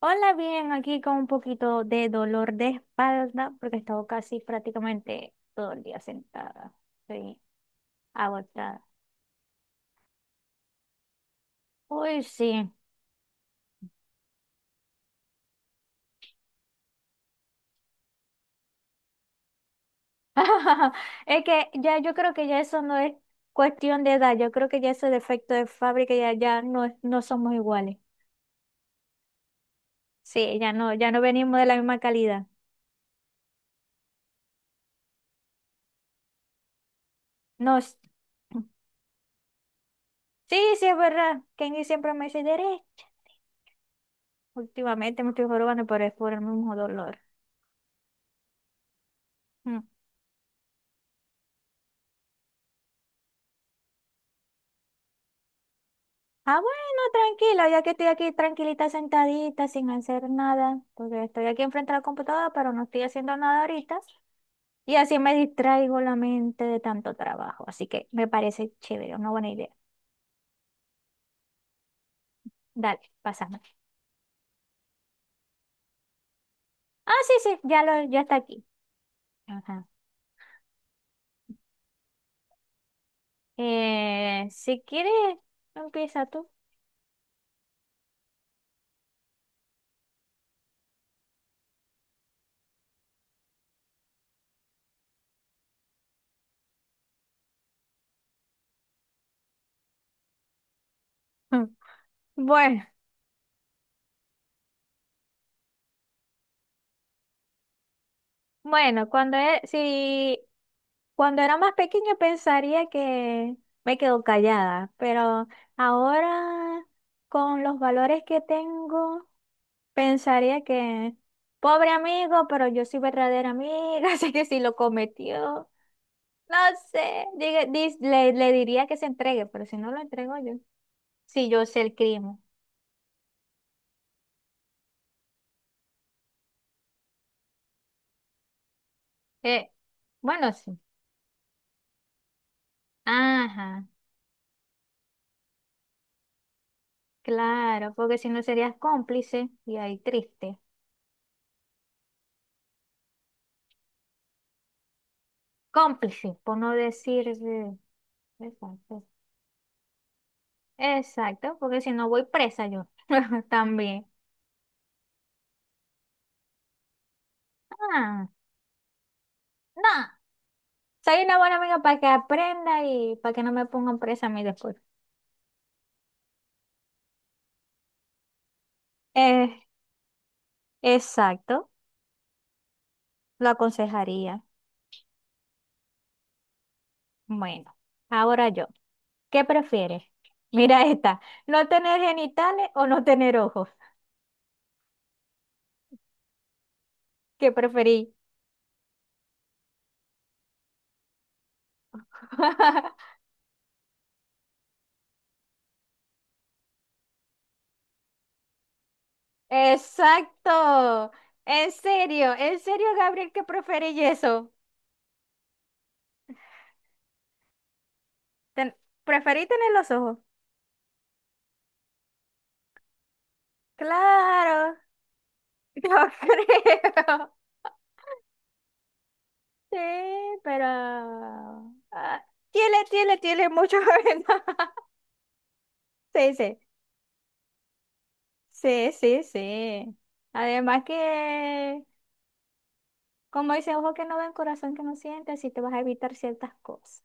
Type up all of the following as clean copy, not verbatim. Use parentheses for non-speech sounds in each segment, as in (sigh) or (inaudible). Hola, bien, aquí con un poquito de dolor de espalda porque he estado casi prácticamente todo el día sentada. Estoy agotada. Uy, sí. (laughs) Es que ya yo creo que ya eso no es cuestión de edad, yo creo que ya ese defecto de fábrica ya, ya no, no somos iguales. Sí, ya no venimos de la misma calidad. Nos, sí, sí, es verdad. Kenny siempre me dice, Derek, últimamente me estoy jorobando, pero es por el mismo dolor. Mm. Ah, bueno, tranquila, ya que estoy aquí tranquilita sentadita, sin hacer nada, porque estoy aquí enfrente de la computadora, pero no estoy haciendo nada ahorita. Y así me distraigo la mente de tanto trabajo. Así que me parece chévere, una buena idea. Dale, pásame. Ah, sí, sí, ya está aquí. Ajá. Si quieres, empieza tú. (laughs) Bueno. Bueno, cuando, e- si, Cuando era más pequeña pensaría que me quedo callada, pero ahora con los valores que tengo, pensaría que pobre amigo, pero yo soy verdadera amiga. (laughs) Así que si lo cometió, no sé, le diría que se entregue, pero si no lo entrego yo, si yo sé el crimen. Eh, bueno, sí. Ajá, claro, porque si no serías cómplice y ahí triste. Cómplice, por no decir. Exacto, exacto, porque si no voy presa yo (laughs) también. Ah, no, soy una buena amiga para que aprenda y para que no me pongan presa a mí después. Eh, exacto, lo aconsejaría. Bueno, ahora yo, ¿qué prefieres? Mira, (laughs) esta, ¿no tener genitales o no tener ojos? ¿Qué preferí? (laughs) Exacto, en serio, Gabriel, ¿qué preferí eso? Ten- Preferí tener los ojos. Claro, (laughs) yo creo. Sí, pero... ah, tiene mucho (laughs) ventaja. Sí, sí, sí, sí, sí. Además que, como dice, ojo que no ven, corazón que no siente, así te vas a evitar ciertas cosas.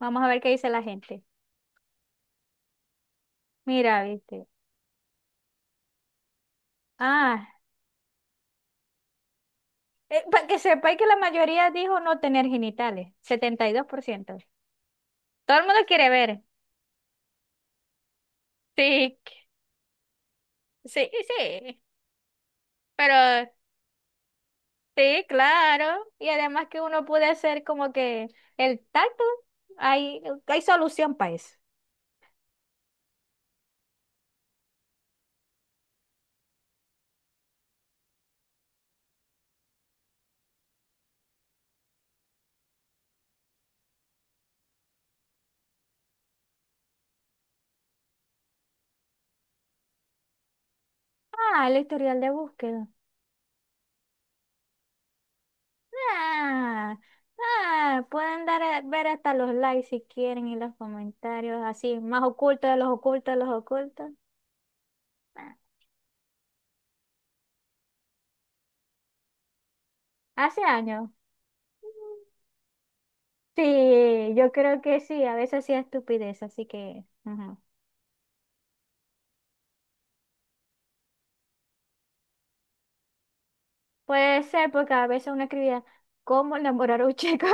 Vamos a ver qué dice la gente. Mira, viste. Ah, para que sepáis que la mayoría dijo no tener genitales, 72%. Todo el mundo quiere ver. Sí, sí, sí. Pero sí, claro. Y además que uno puede hacer como que el tacto, hay solución para eso. Ah, el historial de búsqueda. Ah, Pueden dar, ver hasta los likes si quieren y los comentarios así, más ocultos de los ocultos de los ocultos. Ah, hace años. Sí, yo creo que sí, a veces sí estupidez, así que ujú. Puede ser porque a veces uno escribía, ¿cómo enamorar a un chico?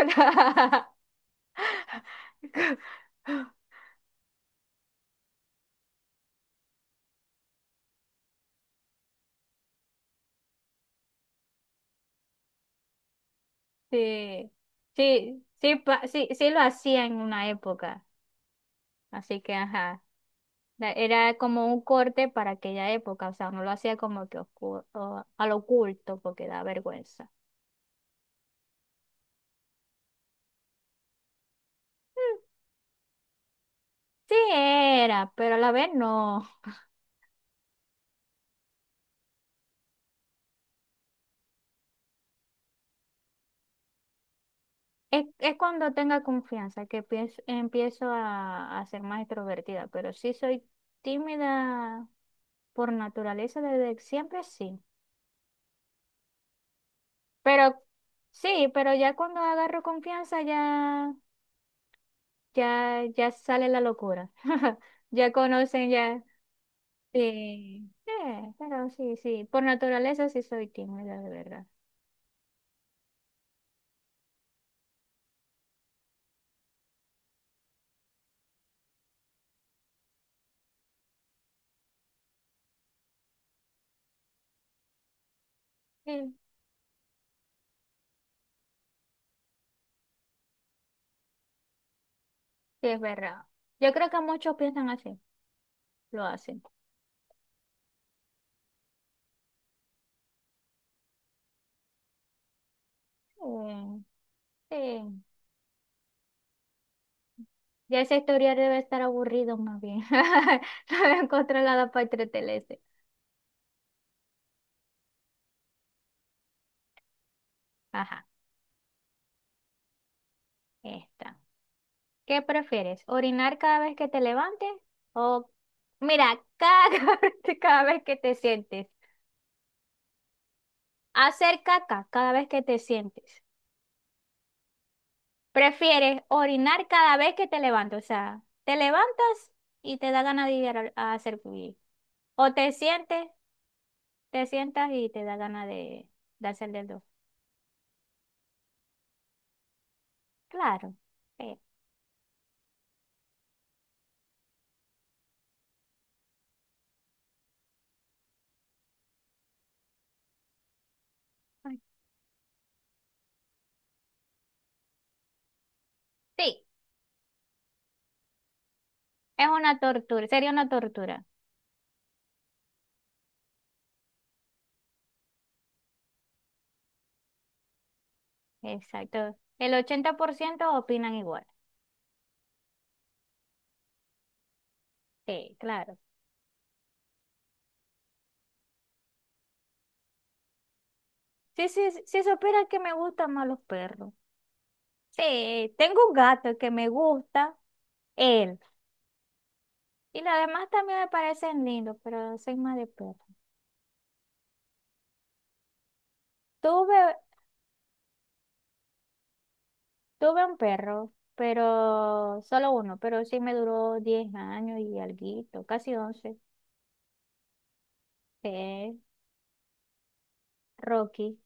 (laughs) (laughs) Sí, sí, sí, sí, sí lo hacía en una época, así que ajá, era como un corte para aquella época, o sea, no lo hacía como que al oculto porque da vergüenza. Mm, Sí era, pero a la vez no. Es cuando tenga confianza que empiezo a ser más extrovertida, pero sí soy tímida por naturaleza desde siempre, sí. Pero sí, pero ya cuando agarro confianza ya sale la locura. (laughs) Ya conocen, ya. Sí, pero sí, sí. Por naturaleza sí soy tímida, de verdad. Sí, sí, es verdad. Yo creo que muchos piensan así, lo hacen. Eh, sí. Ya esa historia debe estar aburrido más bien. (laughs) No encontré nada para entretenerse. Ajá, esta. ¿Qué prefieres? ¿Orinar cada vez que te levantes? O, mira, cada (laughs) cada vez que te sientes. Hacer caca cada vez que te sientes. Prefieres orinar cada vez que te levantas. O sea, te levantas y te da ganas de ir a hacer pipí. O te sientes, te sientas y te da ganas de hacer del dos. Claro. Eh, ay, Sí, es una tortura. Sería una tortura. Exacto. El 80% opinan igual. Sí, claro. Sí, sí, sí, sí, supieras que me gustan más los perros. Sí, tengo un gato que me gusta. Él Y los demás también me parecen lindos, pero soy más de perro. Tuve, tuve un perro, pero solo uno, pero sí me duró 10 años y alguito, casi once. Eh, Rocky.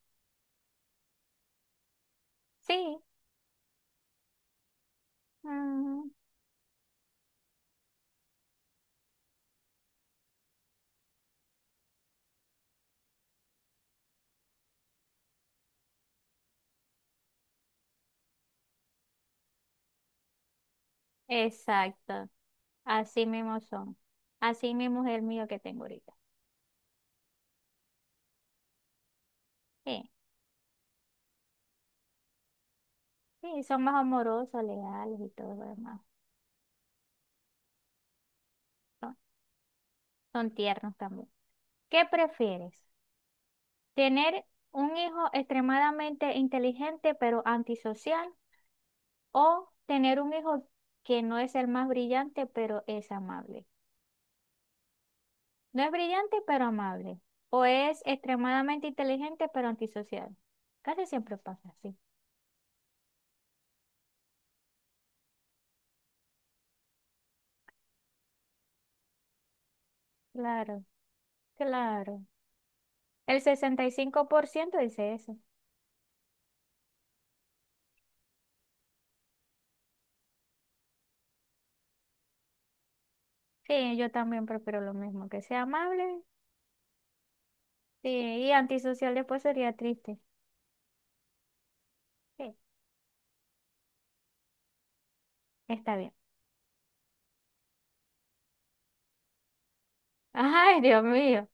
Sí, mm, exacto. Así mismo son. Así mismo es el mío que tengo ahorita. Sí, sí, son más amorosos, leales y todo lo demás. Son, son tiernos también. ¿Qué prefieres? ¿Tener un hijo extremadamente inteligente pero antisocial? O tener un hijo que no es el más brillante, pero es amable. No es brillante, pero amable. O es extremadamente inteligente, pero antisocial. Casi siempre pasa así. Claro, claro. El 65% dice eso. Sí, yo también prefiero lo mismo, que sea amable. Sí, y antisocial después sería triste. Sí, está bien. (laughs) Ay, Dios mío.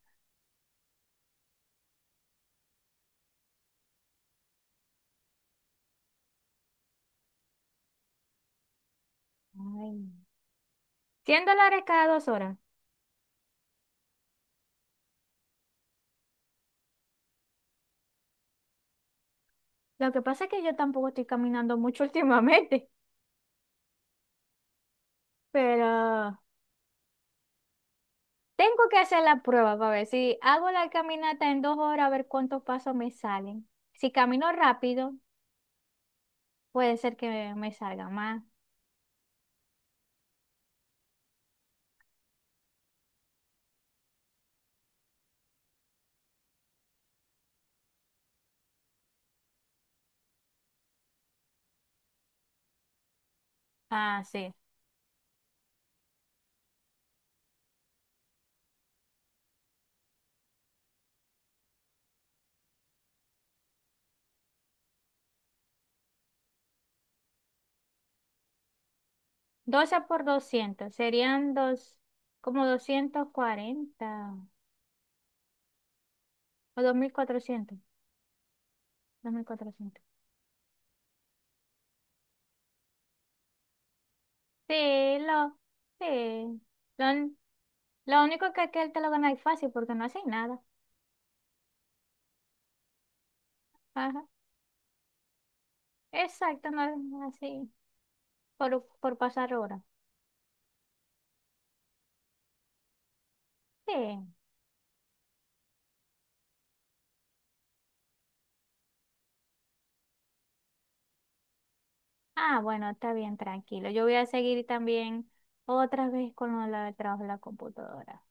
Ay. $100 cada 2 horas. Lo que pasa es que yo tampoco estoy caminando mucho (laughs) últimamente, pero tengo que hacer la prueba para ver si hago la caminata en 2 horas, a ver cuántos pasos me salen. Si camino rápido, puede ser que me salga más. Ah, sí. 12 por 200 serían dos, como 240 o dos mil cuatrocientos, 2.400. Sí, sí. Lo, lo único que aquel te lo gana es fácil porque no haces nada. Ajá. Exacto, no así. Por pasar horas. Sí. Ah, bueno, está bien, tranquilo. Yo voy a seguir también otra vez con lo del trabajo de la computadora.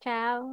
Chao.